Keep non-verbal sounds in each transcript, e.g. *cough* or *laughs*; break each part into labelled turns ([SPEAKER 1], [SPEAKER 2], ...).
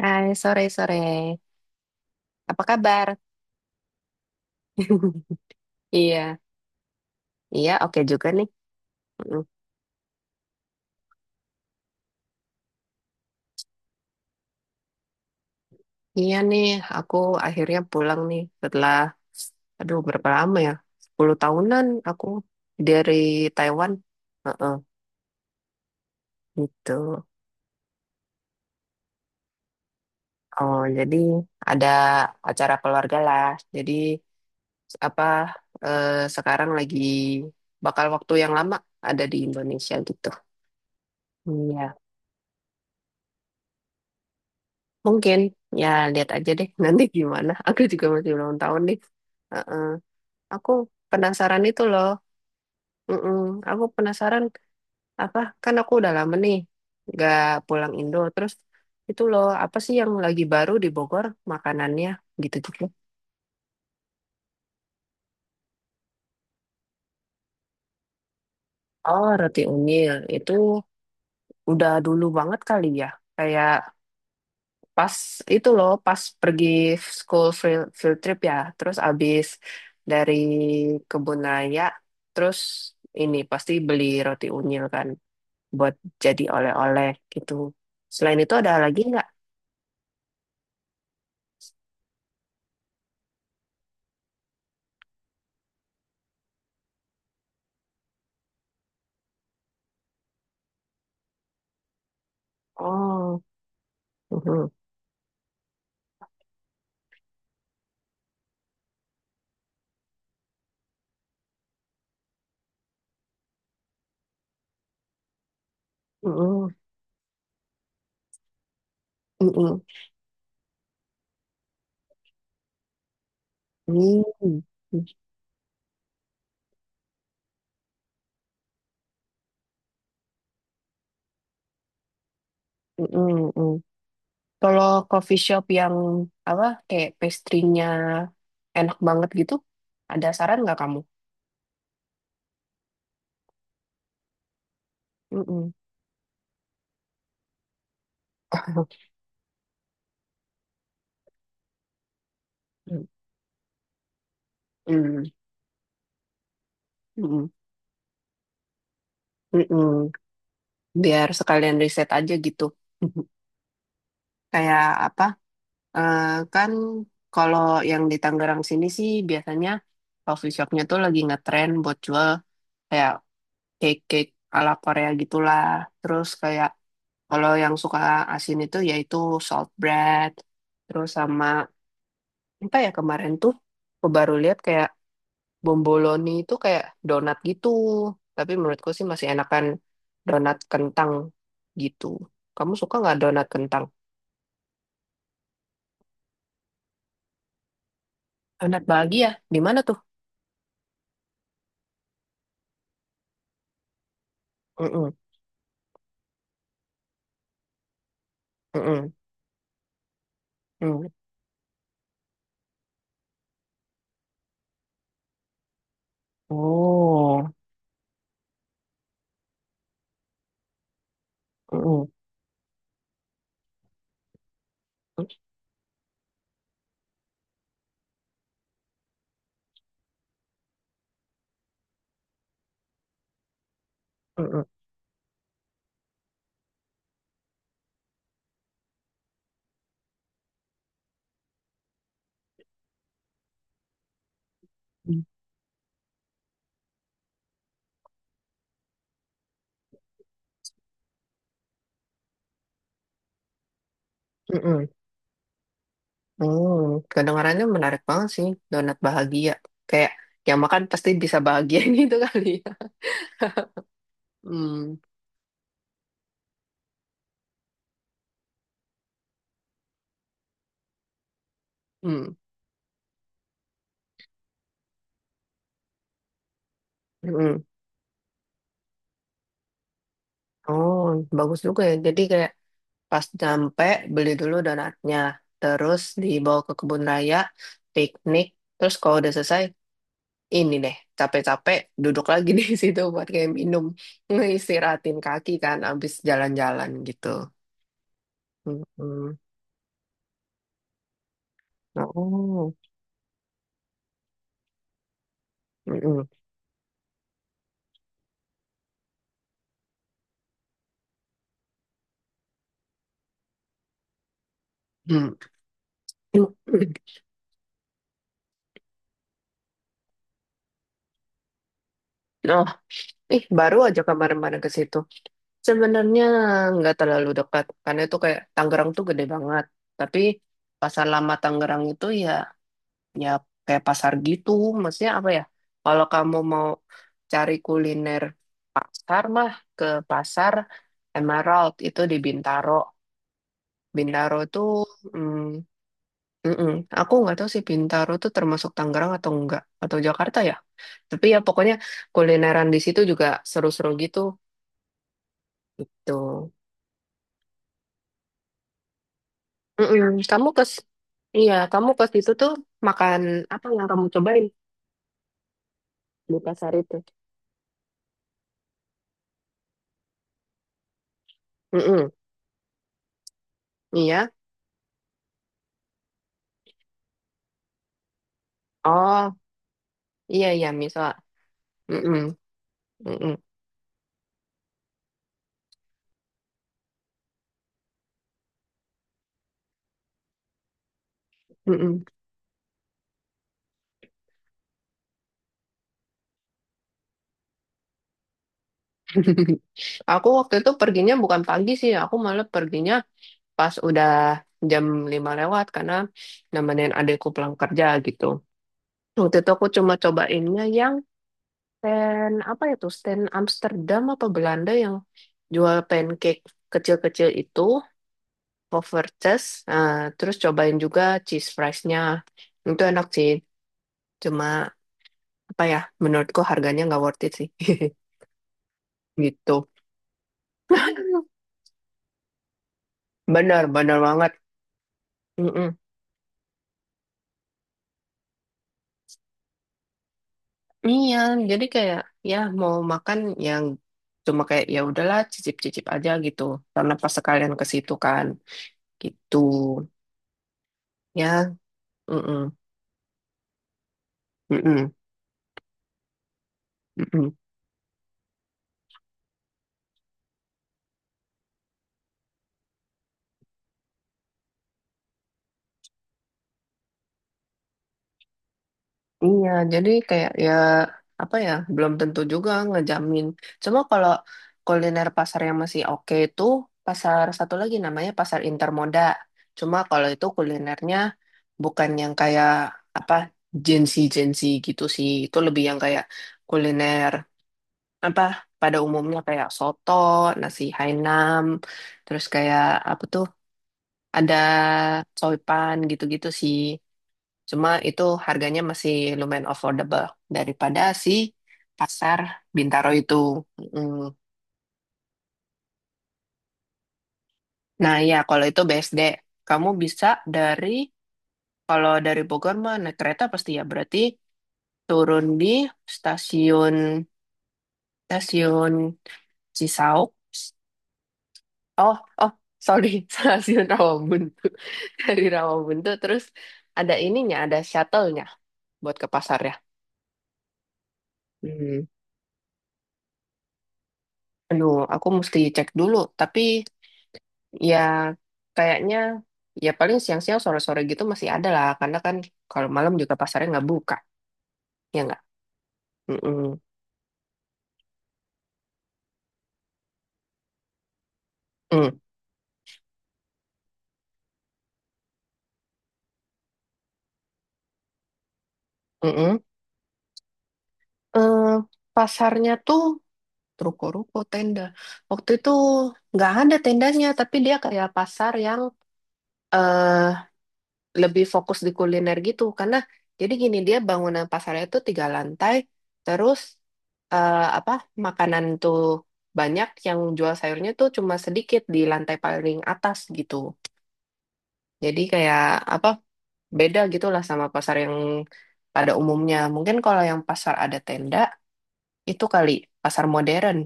[SPEAKER 1] Hai, sore-sore. Apa kabar? *laughs* Iya, iya, oke juga nih. Mm. Iya nih, aku akhirnya pulang nih setelah, aduh, berapa lama ya? 10 tahunan aku dari Taiwan. Heeh, gitu. Oh, jadi ada acara keluarga lah. Jadi, apa, eh, sekarang lagi bakal waktu yang lama ada di Indonesia gitu. Iya. Mungkin ya lihat aja deh *laughs* nanti gimana. Aku juga masih ulang tahun nih. Heeh. Aku penasaran itu loh. Mm-mm. Aku penasaran apa? Kan aku udah lama nih nggak pulang Indo. Terus itu loh apa sih yang lagi baru di Bogor makanannya gitu-gitu. Oh, roti unyil itu udah dulu banget kali ya. Kayak pas itu loh pas pergi field trip ya terus abis dari kebun raya terus ini pasti beli roti unyil kan buat jadi oleh-oleh gitu selain itu ada lagi nggak. Oh, mhm, mhm, mhm, mhm, mhm, mhm. Kalau coffee shop yang apa kayak pastry-nya enak banget gitu ada saran nggak kamu. Mhm. Mhm. Mhm. *laughs* Biar sekalian riset aja gitu. *laughs* Kayak apa? eh, kan kalau yang di Tangerang sini sih biasanya coffee shopnya tuh lagi ngetren buat jual kayak cake-cake ala Korea gitulah. Terus kayak kalau yang suka asin itu yaitu salt bread. Terus sama apa ya kemarin tuh aku baru lihat kayak bomboloni itu kayak donat gitu. Tapi menurutku sih masih enakan donat kentang gitu. Kamu suka nggak donat kentang? Anak bahagia, di mana tuh? Mm-mm, mm-mm, mm. Oh, mm-mm, mm-mm, mm-mm, mm. Kedengarannya menarik banget sih, donat bahagia. Kayak yang makan pasti bisa bahagia *laughs* gitu kali ya. Hmm, hmm, mm. Oh, bagus juga ya. Jadi kayak pas nyampe beli dulu donatnya, terus dibawa ke kebun raya, piknik, terus kalau udah selesai ini deh, capek-capek duduk lagi *laughs* di situ buat kayak minum, ngeistirahatin kaki kan, abis jalan-jalan gitu. Mm-mm. Oh, mm-mm. Hmm. *clears throat* Oh, ih baru aja kemarin-kemarin ke situ. Sebenarnya nggak terlalu dekat, karena itu kayak Tangerang tuh gede banget. Tapi Pasar Lama Tangerang itu ya ya kayak pasar gitu, maksudnya apa ya kalau kamu mau cari kuliner pasar mah ke pasar Emerald itu di Bintaro. Bintaro tuh mm, mm-mm. Aku nggak tahu sih Bintaro tuh termasuk Tangerang atau enggak atau Jakarta ya tapi ya pokoknya kulineran di situ juga seru-seru gitu gitu. Mm-mm. kamu ke iya, kamu ke situ tuh makan apa yang kamu cobain di pasar itu. Mm-mm. Iya, oh iya, iya miso. Mm-mm, mm-mm, mm-mm. *laughs* Aku waktu itu perginya bukan pagi sih, aku malah perginya pas udah jam 5 lewat karena nemenin adikku pulang kerja gitu. Waktu itu aku cuma cobainnya yang stand apa itu stand Amsterdam apa Belanda yang jual pancake kecil-kecil itu, Povertes. Nah, terus cobain juga cheese fries-nya. Itu enak sih, cuma apa ya, menurutku harganya nggak worth it sih. *laughs* Gitu. *laughs* Bener, bener banget. Mm-mm. Iya, jadi kayak ya mau makan yang cuma kayak ya udahlah cicip-cicip aja gitu. Karena pas sekalian ke situ kan gitu. Ya, mm-mm. Iya, jadi kayak ya apa ya belum tentu juga ngejamin. Cuma kalau kuliner pasar yang masih oke itu pasar satu lagi namanya pasar intermoda. Cuma kalau itu kulinernya bukan yang kayak apa jensi-jensi gitu sih. Itu lebih yang kayak kuliner apa pada umumnya kayak soto, nasi Hainan, terus kayak apa tuh ada coipan gitu-gitu sih. Cuma itu harganya masih lumayan affordable daripada si pasar Bintaro itu. Mm. Nah ya kalau itu BSD, kamu bisa dari kalau dari Bogor mah naik kereta pasti ya berarti turun di stasiun stasiun Cisauk. Oh, oh sorry *laughs* stasiun Rawabuntu dari Rawabuntu terus ada ininya ada shuttle-nya buat ke pasarnya. Hmm. Aduh, aku mesti cek dulu. Tapi ya, kayaknya ya paling siang-siang sore-sore gitu masih ada lah, karena kan kalau malam juga pasarnya nggak buka, ya nggak? Mm-mm. Mm, mm-mm. Eh, pasarnya tuh ruko-ruko tenda. Waktu itu nggak ada tendanya, tapi dia kayak pasar yang eh, lebih fokus di kuliner gitu karena jadi gini dia bangunan pasarnya tuh tiga lantai terus apa makanan tuh banyak yang jual sayurnya tuh cuma sedikit di lantai paling atas gitu jadi kayak apa beda gitulah sama pasar yang pada umumnya mungkin kalau yang pasar ada tenda itu kali pasar modern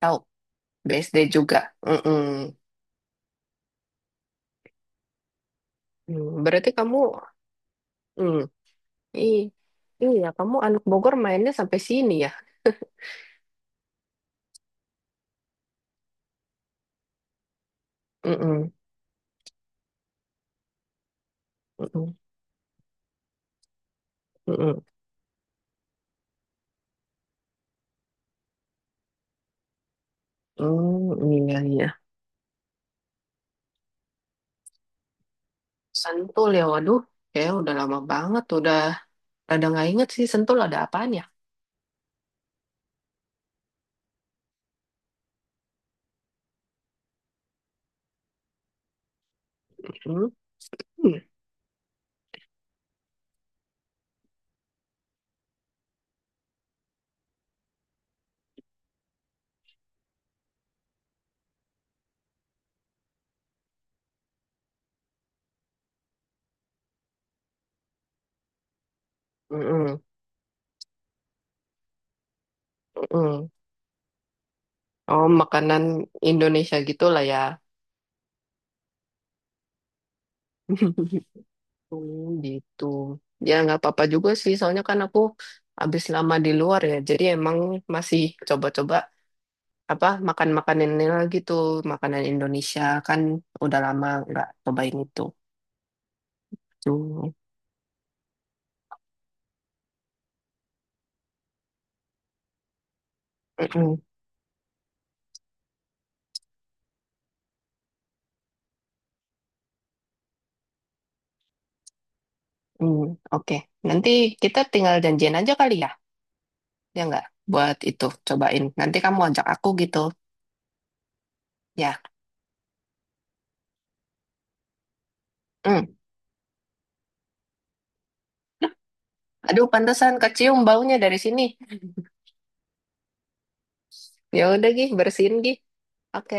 [SPEAKER 1] tahu BSD juga. Mm-mm. Hmm, berarti kamu hmm, i- iya kamu anak Bogor mainnya sampai sini ya. Mm-mm. Mm-mm. Mm-mm. Hmm, iya, iya. Sentul ya, waduh. Kayak udah lama banget, udah ada nggak inget sih Sentul ada apaan ya. Hmm. Mm-mm. Mm-mm. Oh, makanan Indonesia gitu lah ya. *laughs* Hmm, gitu. Ya nggak apa-apa juga sih, soalnya kan aku habis lama di luar ya, jadi emang masih coba-coba apa makan-makanan ini lagi tuh, makanan Indonesia kan udah lama nggak cobain itu. Tuh. Hmm, oke. Nanti kita tinggal janjian aja kali ya, ya nggak? Buat itu, cobain. Nanti kamu ajak aku gitu, ya. Hmm. Aduh, pantesan kecium baunya dari sini. Ya udah, Gih, bersihin, Gih. Oke.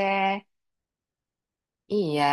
[SPEAKER 1] Iya.